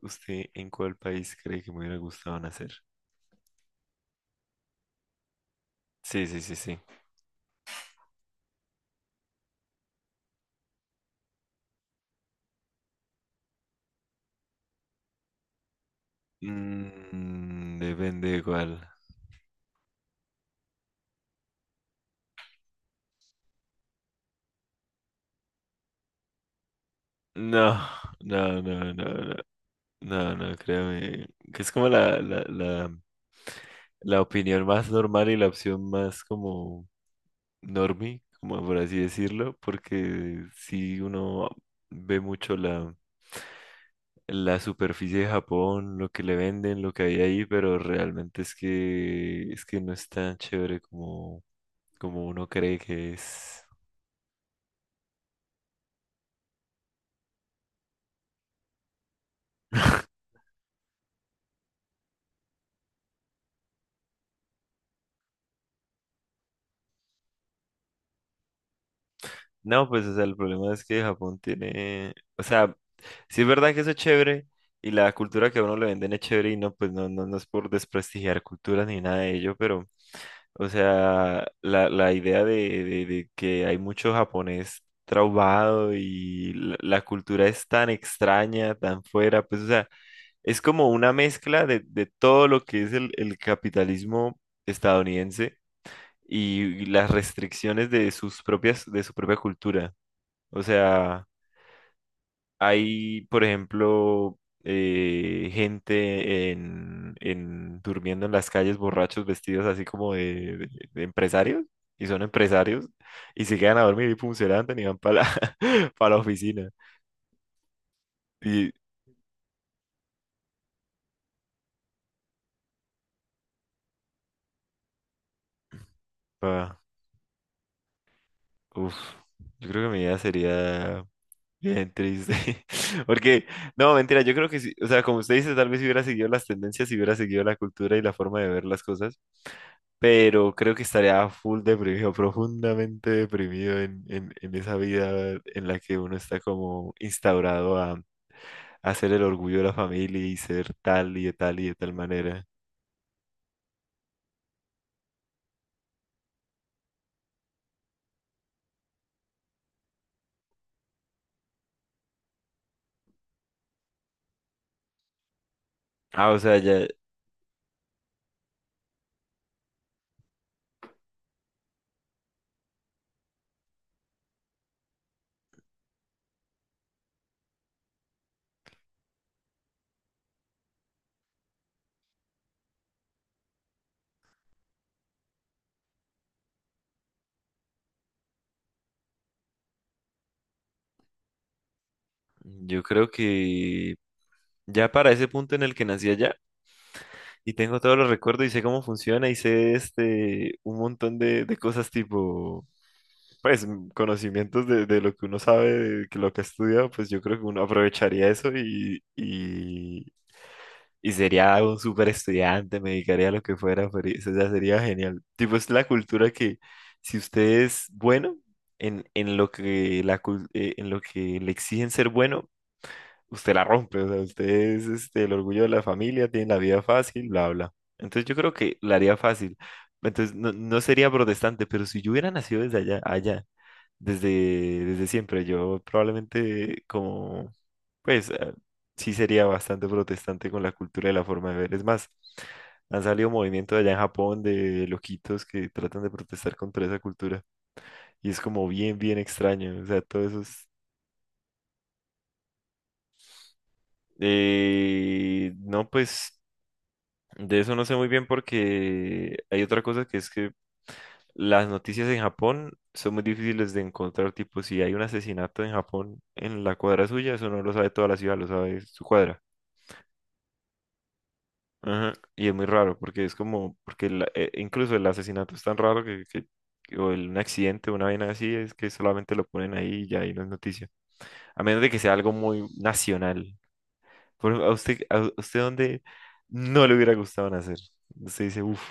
¿Usted en cuál país cree que me hubiera gustado nacer? Sí, sí, sí, sí. Mm, depende de cuál. No, no, no, no, no, no, no, créame. Que es como la opinión más normal y la opción más como normie, como por así decirlo, porque si uno ve mucho la superficie de Japón, lo que le venden, lo que hay ahí, pero realmente es que no es tan chévere como... como uno cree que es. No, pues, o sea, el problema es que Japón tiene, o sea, sí es verdad que eso es chévere y la cultura que a uno le venden es chévere y no, pues no, no, no es por desprestigiar culturas ni nada de ello, pero, o sea, la idea de que hay mucho japonés traubado y la cultura es tan extraña, tan fuera, pues, o sea, es como una mezcla de todo lo que es el capitalismo estadounidense y las restricciones de su propia cultura. O sea, hay, por ejemplo, gente durmiendo en las calles borrachos vestidos así como de empresarios, y son empresarios, y se quedan a dormir y pum, se levantan y van para la, pa la oficina. Y, ah, uf, yo creo que mi idea sería bien triste. Porque, no, mentira, yo creo que sí, o sea, como usted dice, tal vez si hubiera seguido las tendencias, si hubiera seguido la cultura y la forma de ver las cosas, pero creo que estaría full deprimido, profundamente deprimido en esa vida en la que uno está como instaurado a ser el orgullo de la familia y ser tal y de tal y de tal manera. Ah, o sea, ya, yo creo que ya para ese punto en el que nací allá. Y tengo todos los recuerdos y sé cómo funciona y sé este un montón de cosas tipo, pues conocimientos de lo que uno sabe, de que lo que ha estudiado, pues yo creo que uno aprovecharía eso y sería un súper estudiante, me dedicaría a lo que fuera, pero eso ya sería genial. Tipo, es la cultura que si usted es bueno en lo que en lo que le exigen ser bueno, usted la rompe, o sea, usted es este, el orgullo de la familia, tiene la vida fácil, bla, bla. Entonces yo creo que la haría fácil. Entonces no, no sería protestante, pero si yo hubiera nacido desde allá, allá, desde siempre, yo probablemente como, pues sí sería bastante protestante con la cultura y la forma de ver. Es más, han salido movimientos allá en Japón de loquitos que tratan de protestar contra esa cultura. Y es como bien, bien extraño. O sea, todo eso es... no, pues de eso no sé muy bien porque hay otra cosa que es que las noticias en Japón son muy difíciles de encontrar. Tipo, si hay un asesinato en Japón en la cuadra suya, eso no lo sabe toda la ciudad, lo sabe su cuadra. Ajá. Y es muy raro porque es como, porque incluso el asesinato es tan raro o un accidente, una vaina así, es que solamente lo ponen ahí y ya y no es noticia. A menos de que sea algo muy nacional. Por ejemplo, a usted dónde no le hubiera gustado nacer? Usted dice, uff.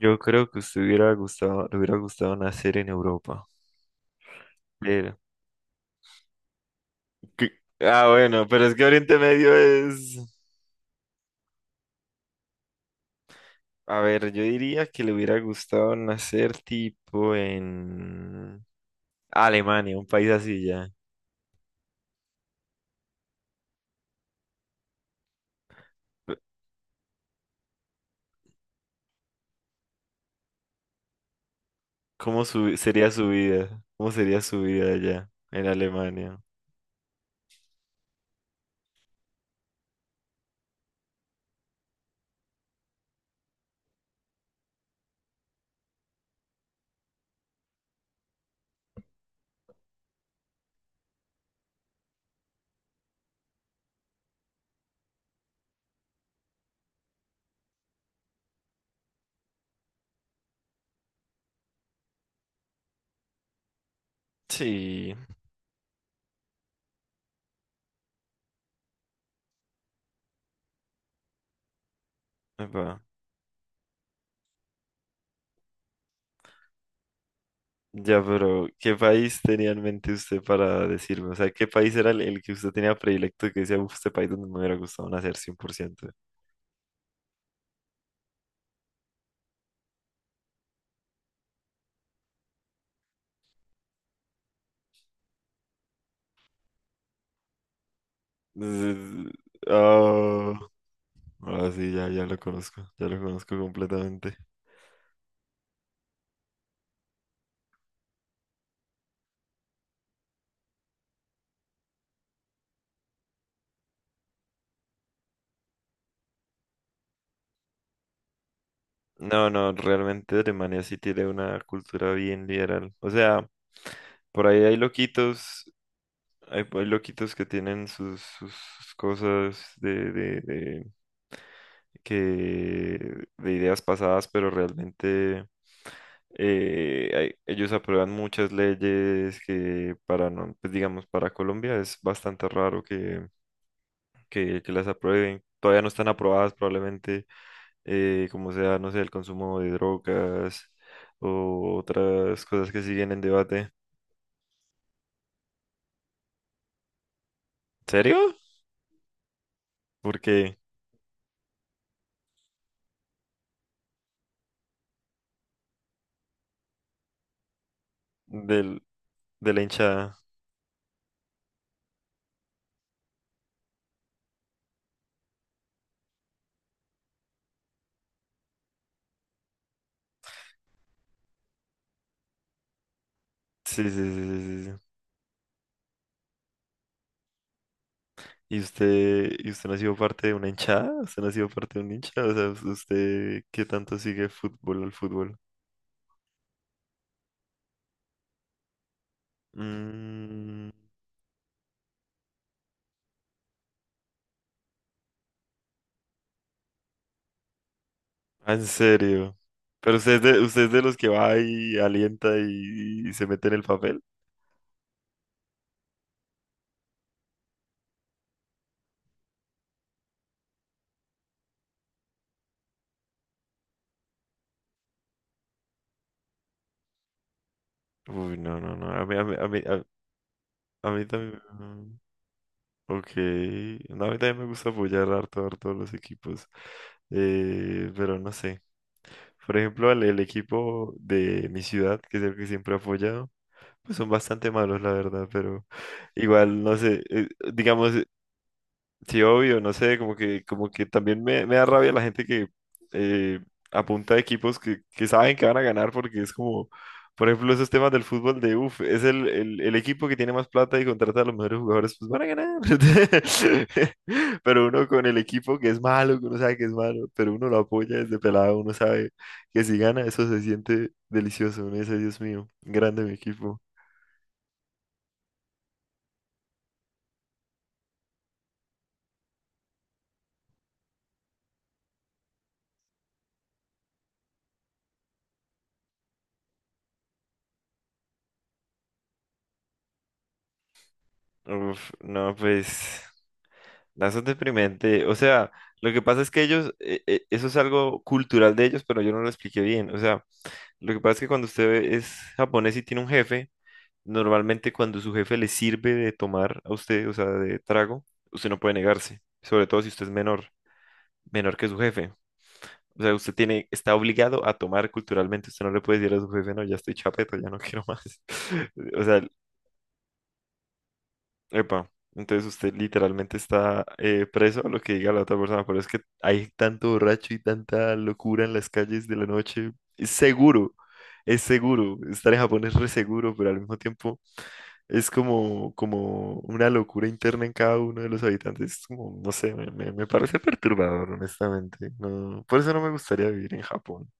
Yo creo que usted hubiera gustado, le hubiera gustado nacer en Europa. Pero, ¿qué? Ah, bueno, pero es que Oriente Medio es... A ver, yo diría que le hubiera gustado nacer tipo en Alemania, un país así ya. ¿Cómo sería su vida? ¿Cómo sería su vida allá en Alemania? Sí, epa. Ya, pero ¿qué país tenía en mente usted para decirme? O sea, ¿qué país era el que usted tenía predilecto que decía, "Uf, este país donde me hubiera gustado nacer 100%"? Mm, ah, ahora sí, ya, ya lo conozco completamente. No, no, realmente Alemania sí tiene una cultura bien liberal. O sea, por ahí hay loquitos. Hay loquitos que tienen sus cosas de ideas pasadas, pero realmente ellos aprueban muchas leyes que para, no, pues digamos, para Colombia es bastante raro que las aprueben. Todavía no están aprobadas probablemente, como sea, no sé, el consumo de drogas o otras cosas que siguen en debate. ¿En serio? Porque del, de la hinchada. Sí, sí, sí, sí, sí, sí. Y usted no ha sido parte de una hinchada? ¿Usted no ha sido parte de un hincha? O sea, ¿usted qué tanto sigue fútbol al fútbol? Mm, ah, en serio. Pero usted es de los que va y alienta y se mete en el papel. Uy, no, no, no. A mí, a mí, a mí, a mí también. Mm, ok. No, a mí también me gusta apoyar harto, harto a los equipos. Pero no sé. Por ejemplo, el equipo de mi ciudad, que es el que siempre he apoyado, pues son bastante malos, la verdad, pero igual, no sé, digamos, sí, obvio, no sé, como que también me da rabia la gente que eh, apunta a equipos que saben que van a ganar porque es como, por ejemplo, esos temas del fútbol de, uff, es el equipo que tiene más plata y contrata a los mejores jugadores, pues van a ganar. Pero uno con el equipo que es malo, que uno sabe que es malo, pero uno lo apoya desde pelado, uno sabe que si gana eso se siente delicioso, uno dice, Dios mío, grande mi equipo. Uf, no, pues... No, eso es deprimente. O sea, lo que pasa es que ellos, eso es algo cultural de ellos, pero yo no lo expliqué bien. O sea, lo que pasa es que cuando usted es japonés y tiene un jefe, normalmente cuando su jefe le sirve de tomar a usted, o sea, de trago, usted no puede negarse, sobre todo si usted es menor, menor que su jefe. O sea, usted tiene, está obligado a tomar culturalmente. Usted no le puede decir a su jefe, no, ya estoy chapeto, ya no quiero más. O sea, epa, entonces usted literalmente está preso a lo que diga la otra persona, pero es que hay tanto borracho y tanta locura en las calles de la noche. Es seguro, es seguro. Estar en Japón es re seguro, pero al mismo tiempo es como, como una locura interna en cada uno de los habitantes. Es como, no sé, me parece perturbador, honestamente. No, por eso no me gustaría vivir en Japón.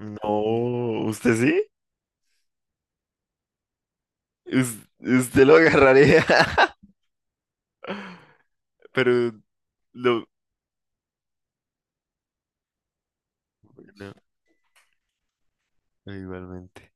No, ¿usted sí? ¿Usted lo agarraría? Pero lo... no. Igualmente.